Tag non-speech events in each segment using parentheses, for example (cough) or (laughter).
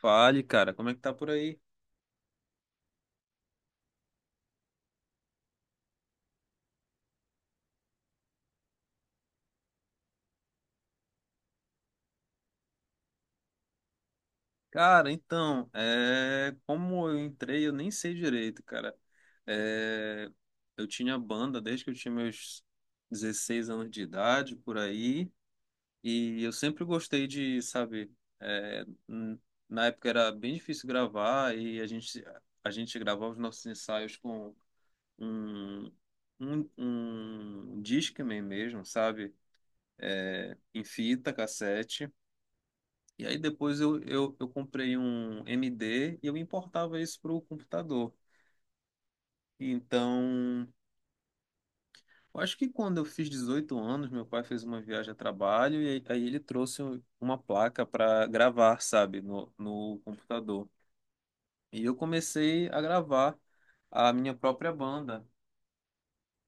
Fale, cara, como é que tá por aí? Cara, então, como eu entrei, eu nem sei direito, cara. É, eu tinha banda desde que eu tinha meus 16 anos de idade, por aí, e eu sempre gostei de, sabe, é, n- na época era bem difícil gravar e a gente gravava os nossos ensaios com um, um Discman mesmo, sabe? É, em fita, cassete. E aí depois eu comprei um MD e eu importava isso para o computador. Então, eu acho que quando eu fiz 18 anos, meu pai fez uma viagem a trabalho e aí ele trouxe uma placa para gravar, sabe, no computador. E eu comecei a gravar a minha própria banda.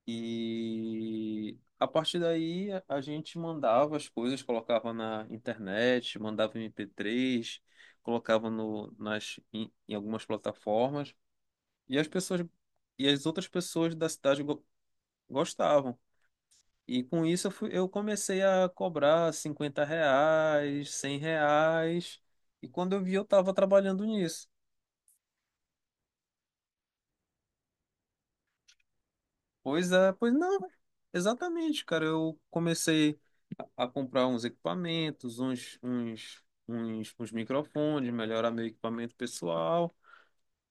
E a partir daí a gente mandava as coisas, colocava na internet, mandava MP3, colocava no, nas, em, em algumas plataformas, e as outras pessoas da cidade gostavam. E com isso eu comecei a cobrar 50 reais, 100 reais, e quando eu vi eu estava trabalhando nisso. Pois é, pois não, exatamente, cara, eu comecei a comprar uns equipamentos, uns microfones, melhorar meu equipamento pessoal.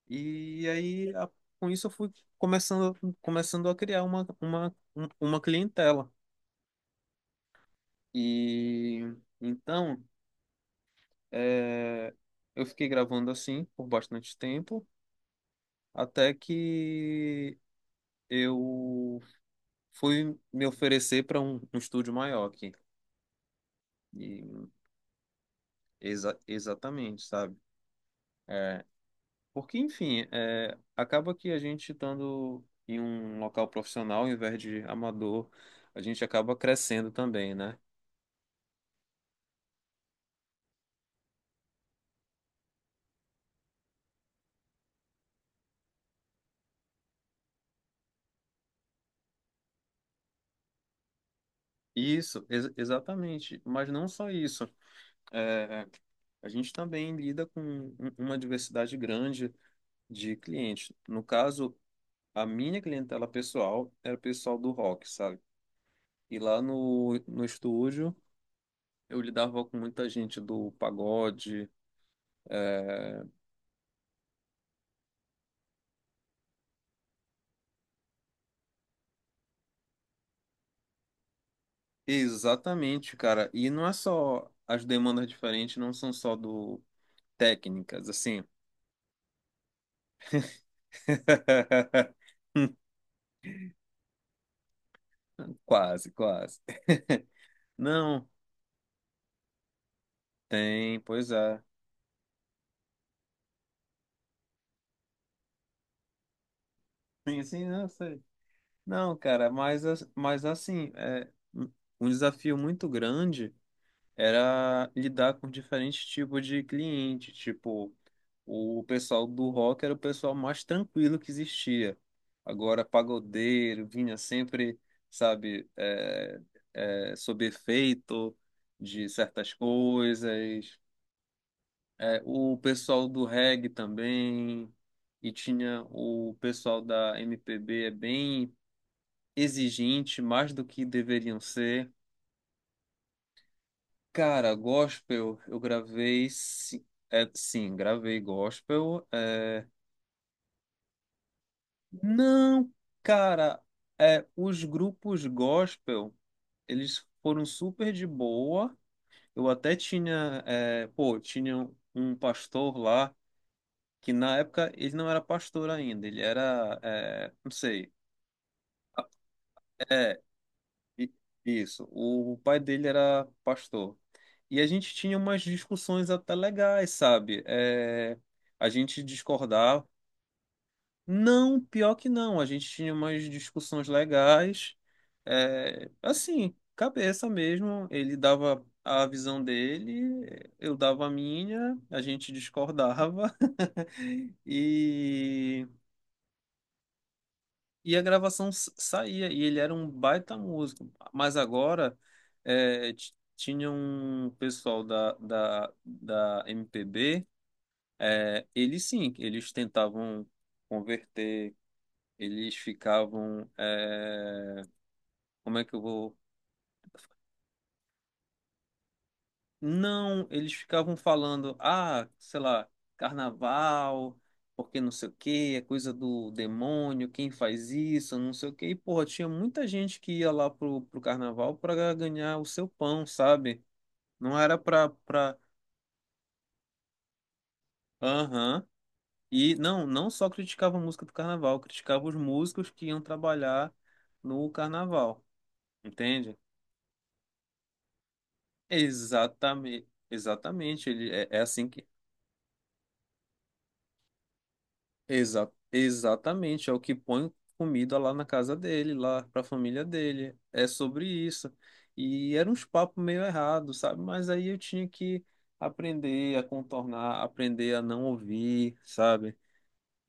E aí, com isso, eu fui começando, começando a criar uma clientela. E então, é, eu fiquei gravando assim por bastante tempo, até que eu fui me oferecer para um estúdio maior aqui. E exatamente, sabe? É, Porque, enfim, acaba que a gente estando em um local profissional, ao invés de amador, a gente acaba crescendo também, né? Isso, exatamente. Mas não só isso. É, a gente também lida com uma diversidade grande de clientes. No caso, a minha clientela pessoal era o pessoal do rock, sabe? E lá no estúdio, eu lidava com muita gente do pagode. Exatamente, cara. E não é só as demandas diferentes, não são só do técnicas, assim. (laughs) Quase, quase. Não, tem, pois é. Sim, sim, não sei. Não, cara, mas, mas assim, é um um desafio muito grande. Era lidar com diferentes tipos de cliente. Tipo, o pessoal do rock era o pessoal mais tranquilo que existia. Agora, pagodeiro vinha sempre, sabe, sob efeito de certas coisas. É, o pessoal do reggae também. E tinha o pessoal da MPB, é bem exigente, mais do que deveriam ser. Cara, gospel, eu gravei. Sim, sim, gravei gospel. Não, cara, os grupos gospel, eles foram super de boa. Eu até tinha. Pô, tinha um um pastor lá, que na época ele não era pastor ainda, ele era. Não sei. é, I- Isso. O pai dele era pastor. E a gente tinha umas discussões até legais, sabe? É, a gente discordava. Não, pior que não. A gente tinha umas discussões legais. É, assim, cabeça mesmo. Ele dava a visão dele, eu dava a minha, a gente discordava. (laughs) E E a gravação saía, e ele era um baita músico. Mas agora tinha um pessoal da MPB, é, eles sim, eles tentavam converter, eles ficavam. Como é que eu vou. Não, eles ficavam falando, ah, sei lá, carnaval, porque não sei o quê, é coisa do demônio, quem faz isso, não sei o quê. E, porra, tinha muita gente que ia lá pro carnaval pra ganhar o seu pão, sabe? Não era pra... Aham. E não, não só criticava a música do carnaval, criticava os músicos que iam trabalhar no carnaval, entende? Exatamente, exatamente. Ele, é é assim que. Exa exatamente, é o que põe comida lá na casa dele, lá para a família dele. É sobre isso. E era uns papos meio errados, sabe? Mas aí eu tinha que aprender a contornar, aprender a não ouvir, sabe?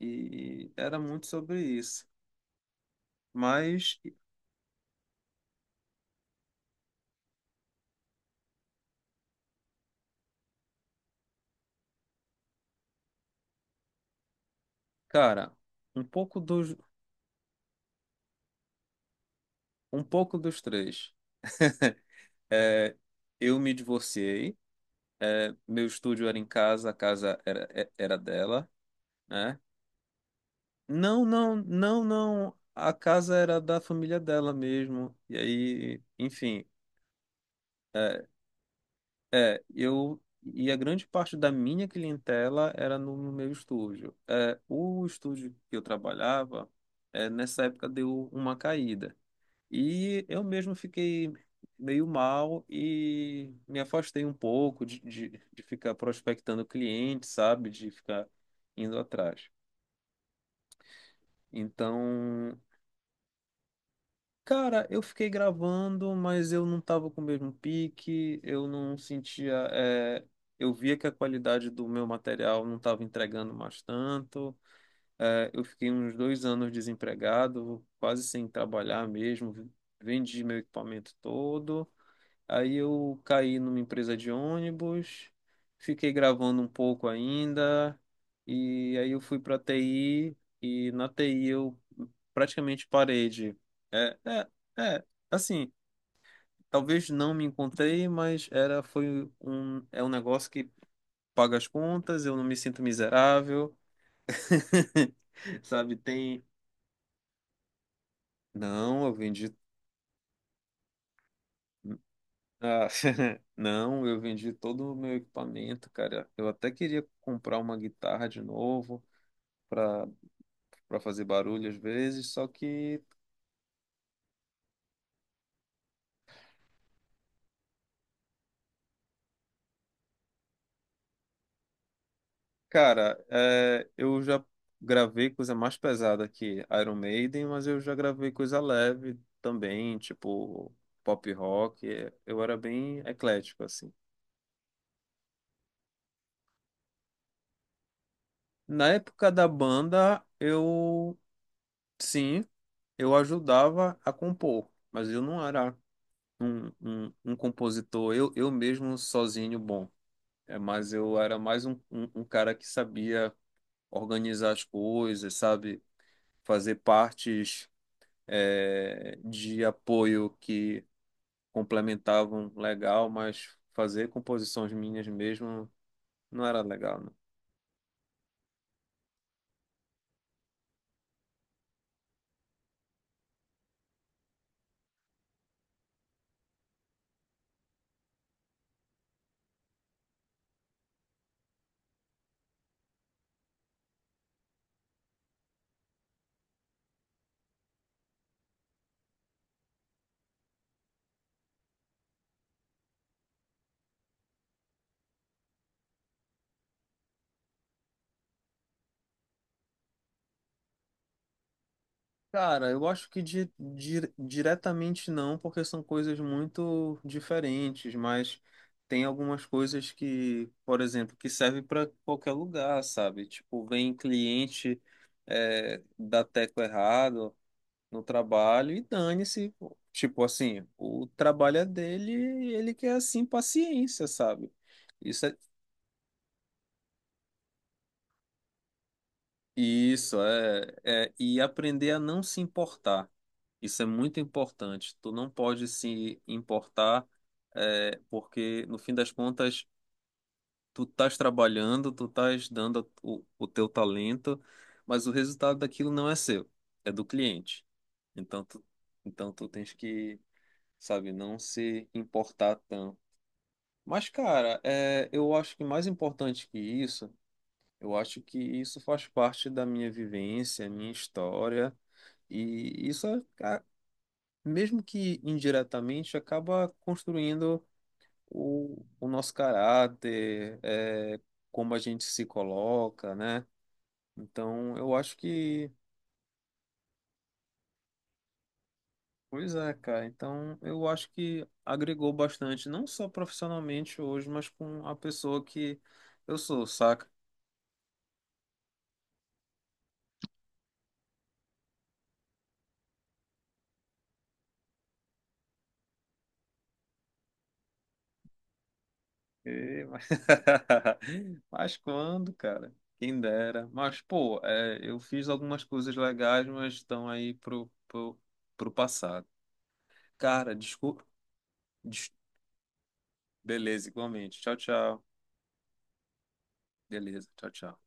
E era muito sobre isso. Mas, cara, um pouco dos, um pouco dos três. É, eu me divorciei, meu estúdio era em casa, a casa era, era dela, né? Não, não, não, não. A casa era da família dela mesmo. E aí, enfim, é, eu. E a grande parte da minha clientela era no meu estúdio. É, o estúdio que eu trabalhava, nessa época deu uma caída. E eu mesmo fiquei meio mal e me afastei um pouco de ficar prospectando clientes, sabe? De ficar indo atrás. Então. Cara, eu fiquei gravando, mas eu não tava com o mesmo pique, eu não sentia. Eu via que a qualidade do meu material não tava entregando mais tanto. É, eu fiquei uns dois anos desempregado, quase sem trabalhar mesmo. Vendi meu equipamento todo. Aí eu caí numa empresa de ônibus, fiquei gravando um pouco ainda, e aí eu fui para TI, e na TI eu praticamente parei de. É, é, é, assim, talvez não me encontrei, mas era, foi um, é um negócio que paga as contas, eu não me sinto miserável, (laughs) sabe? Tem. Não, eu vendi. Ah, (laughs) não, eu vendi todo o meu equipamento, cara. Eu até queria comprar uma guitarra de novo para para fazer barulho às vezes, só que, cara, eu já gravei coisa mais pesada que Iron Maiden, mas eu já gravei coisa leve também, tipo pop rock. Eu era bem eclético assim. Na época da banda, eu sim, eu ajudava a compor, mas eu não era um compositor, eu mesmo sozinho, bom. É, mas eu era mais um cara que sabia organizar as coisas, sabe? Fazer partes de apoio que complementavam legal, mas fazer composições minhas mesmo não era legal, né? Cara, eu acho que diretamente não, porque são coisas muito diferentes, mas tem algumas coisas que, por exemplo, que servem para qualquer lugar, sabe? Tipo, vem cliente dá teco errado no trabalho e dane-se. Tipo assim, o trabalho é dele e ele quer assim paciência, sabe? Isso é, e aprender a não se importar. Isso é muito importante. Tu não pode se importar, porque no fim das contas, tu estás trabalhando, tu estás dando o teu talento, mas o resultado daquilo não é seu, é do cliente. Então tu, então tu tens que, sabe, não se importar tanto. Mas, cara, eu acho que mais importante que isso, eu acho que isso faz parte da minha vivência, minha história. E isso é, mesmo que indiretamente, acaba construindo o nosso caráter, como a gente se coloca, né? Então, eu acho que. Pois é, cara. Então, eu acho que agregou bastante, não só profissionalmente hoje, mas com a pessoa que eu sou, saca? E- (laughs) Mas quando, cara? Quem dera. Mas, pô, eu fiz algumas coisas legais, mas estão aí pro passado. Cara, desculpa. Beleza, igualmente. Tchau, tchau. Beleza, tchau, tchau.